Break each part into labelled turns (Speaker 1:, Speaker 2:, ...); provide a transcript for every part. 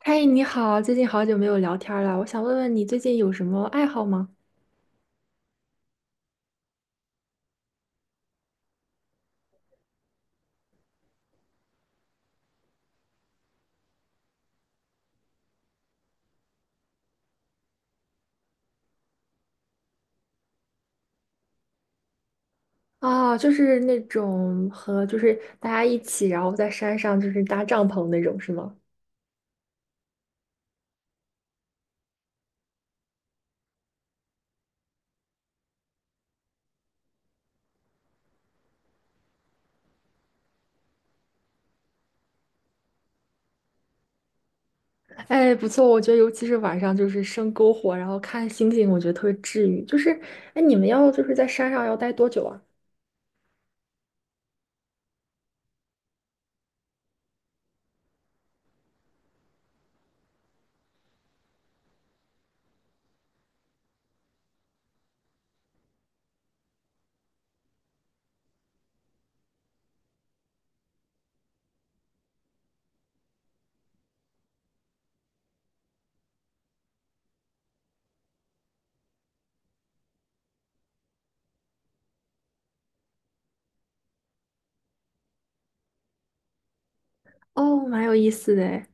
Speaker 1: 嗨，你好，最近好久没有聊天儿了，我想问问你最近有什么爱好吗？哦，就是那种和就是大家一起，然后在山上就是搭帐篷那种，是吗？哎，不错，我觉得尤其是晚上就是生篝火，然后看星星，我觉得特别治愈。就是，哎，你们要就是在山上要待多久啊？哦，蛮有意思的诶。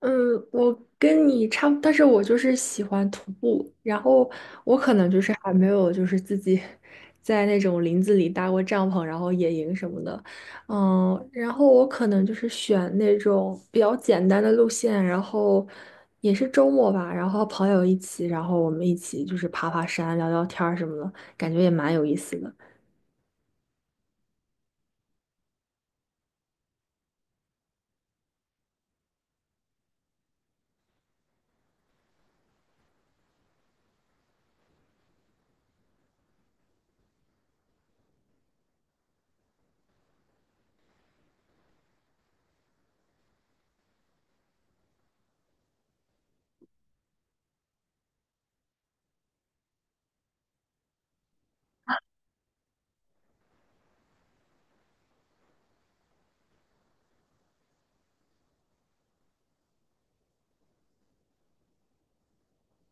Speaker 1: 嗯，我跟你差不，但是我就是喜欢徒步，然后我可能就是还没有就是自己在那种林子里搭过帐篷，然后野营什么的，嗯，然后我可能就是选那种比较简单的路线，然后也是周末吧，然后朋友一起，然后我们一起就是爬爬山、聊聊天儿什么的，感觉也蛮有意思的。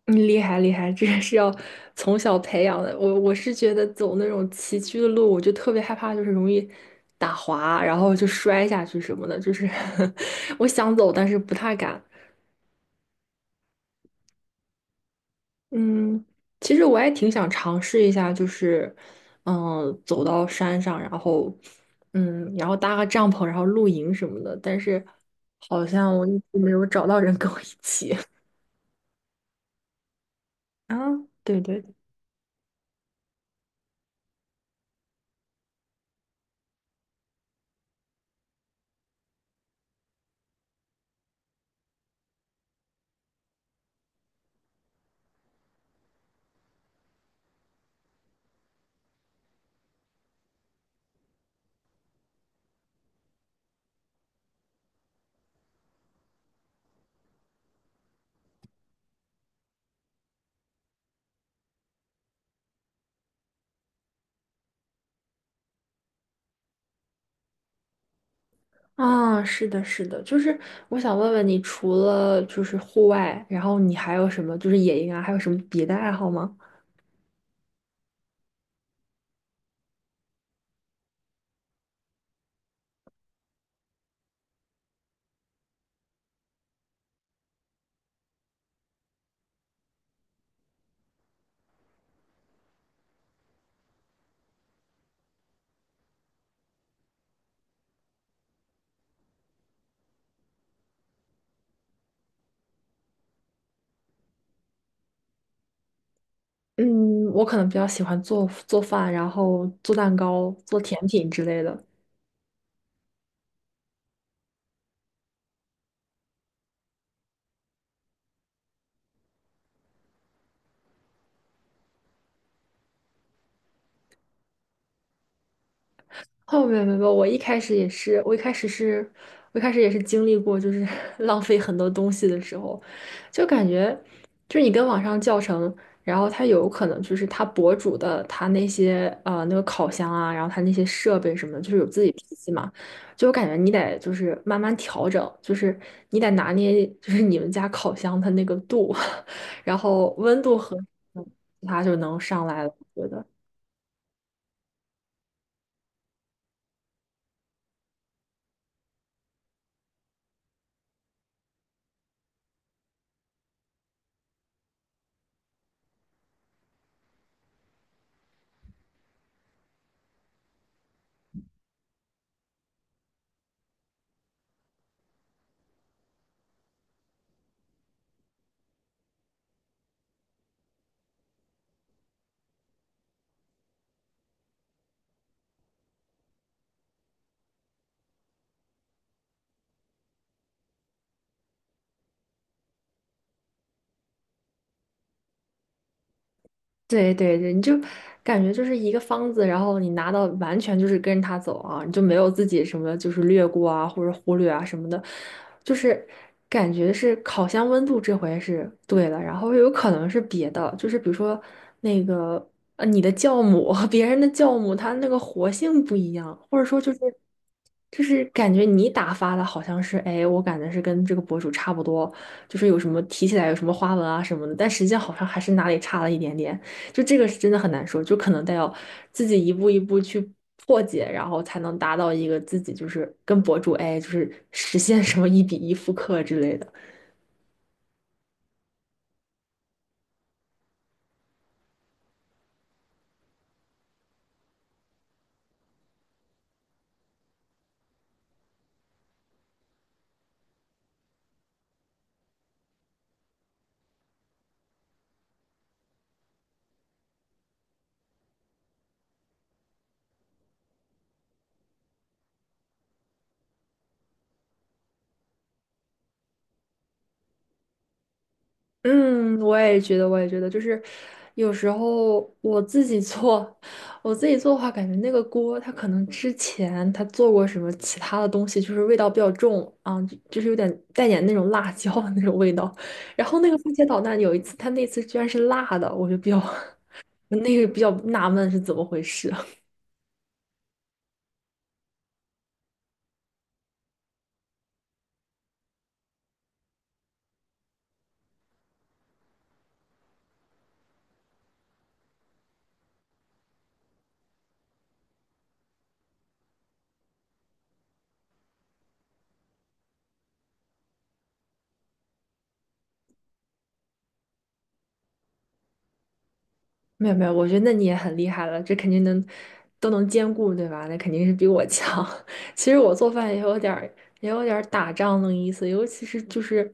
Speaker 1: 嗯，厉害厉害，这个是要从小培养的。我是觉得走那种崎岖的路，我就特别害怕，就是容易打滑，然后就摔下去什么的。就是 我想走，但是不太敢。嗯，其实我也挺想尝试一下，就是嗯，走到山上，然后嗯，然后搭个帐篷，然后露营什么的。但是好像我一直没有找到人跟我一起。啊，对对啊，是的，是的，就是我想问问你，除了就是户外，然后你还有什么就是野营啊，还有什么别的爱好吗？嗯，我可能比较喜欢做做饭，然后做蛋糕、做甜品之类的。哦，没有没有，没有我一开始也是，我一开始是，我一开始也是经历过，就是 浪费很多东西的时候，就感觉，就是你跟网上教程，然后它有可能就是它博主的他那些那个烤箱啊，然后他那些设备什么的，就是有自己脾气嘛，就我感觉你得就是慢慢调整，就是你得拿捏，就是你们家烤箱它那个度，然后温度和它就能上来了，我觉得。对对对，你就感觉就是一个方子，然后你拿到完全就是跟着它走啊，你就没有自己什么就是略过啊或者忽略啊什么的，就是感觉是烤箱温度这回是对了，然后有可能是别的，就是比如说那个你的酵母和 别人的酵母它那个活性不一样，或者说就是就是感觉你打发的好像是哎，我感觉是跟这个博主差不多，就是有什么提起来有什么花纹啊什么的，但实际上好像还是哪里差了一点点。就这个是真的很难说，就可能得要自己一步一步去破解，然后才能达到一个自己就是跟博主哎，就是实现什么一比一复刻之类的。嗯，我也觉得，我也觉得，就是有时候我自己做，我自己做的话，感觉那个锅它可能之前它做过什么其他的东西，就是味道比较重啊，就是有点带点那种辣椒的那种味道。然后那个番茄炒蛋有一次，它那次居然是辣的，我就比较 我那个比较纳闷是怎么回事啊。没有没有，我觉得那你也很厉害了，这肯定能都能兼顾，对吧？那肯定是比我强。其实我做饭也有点儿打仗的意思，尤其是就是，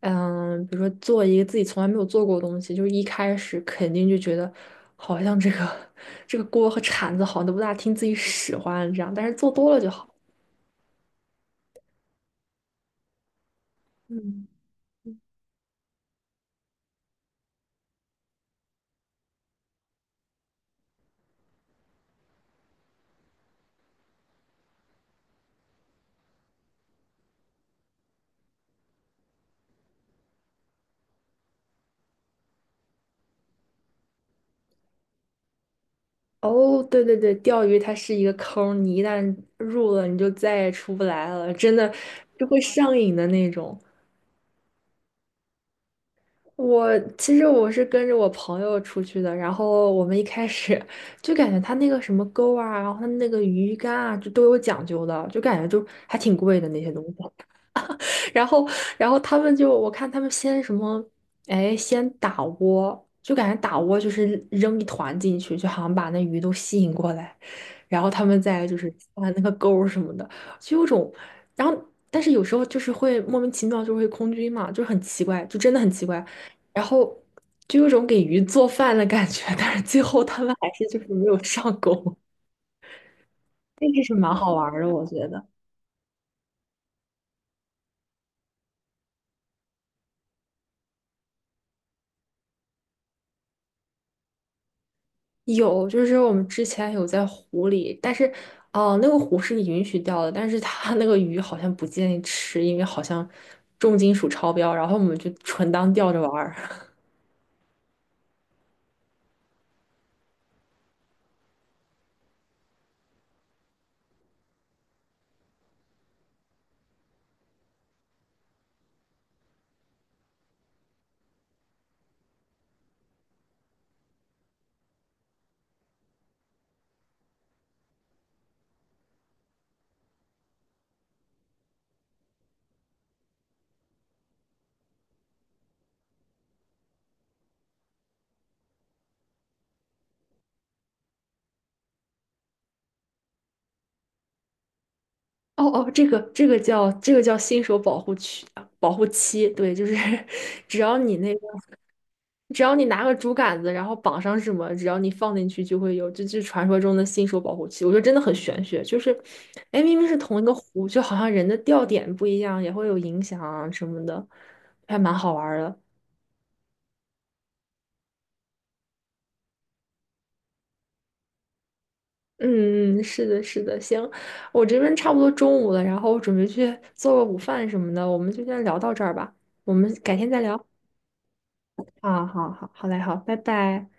Speaker 1: 嗯，比如说做一个自己从来没有做过的东西，就是一开始肯定就觉得好像这个 这个锅和铲子好像都不大听自己使唤这样，但是做多了就好。嗯。哦，对对对，钓鱼它是一个坑儿你一旦入了，你就再也出不来了，真的就会上瘾的那种。我其实我是跟着我朋友出去的，然后我们一开始就感觉他那个什么钩啊，然后他那个鱼竿啊，就都有讲究的，就感觉就还挺贵的那些东西。然后，然后他们就我看他们先什么，哎，先打窝，就感觉打窝就是扔一团进去，就好像把那鱼都吸引过来。然后他们再就是按那个钩儿什么的，就有种，然后但是有时候就是会莫名其妙就会空军嘛，就是很奇怪，就真的很奇怪，然后就有种给鱼做饭的感觉，但是最后他们还是就是没有上钩，那个是蛮好玩儿的，我觉得。有，就是我们之前有在湖里，但是，哦、那个湖是允许钓的，但是它那个鱼好像不建议吃，因为好像重金属超标，然后我们就纯当钓着玩儿。哦哦，这个这个叫这个叫新手保护区啊保护期，对，就是 只要你那个，只要你拿个竹竿子，然后绑上什么，只要你放进去就会有，这就是传说中的新手保护期。我觉得真的很玄学，就是，哎，明明是同一个湖，就好像人的钓点不一样，也会有影响啊什么的，还蛮好玩儿的。嗯，嗯是的，是的，行，我这边差不多中午了，然后我准备去做个午饭什么的，我们就先聊到这儿吧，我们改天再聊。啊，好好，好嘞，好，拜拜。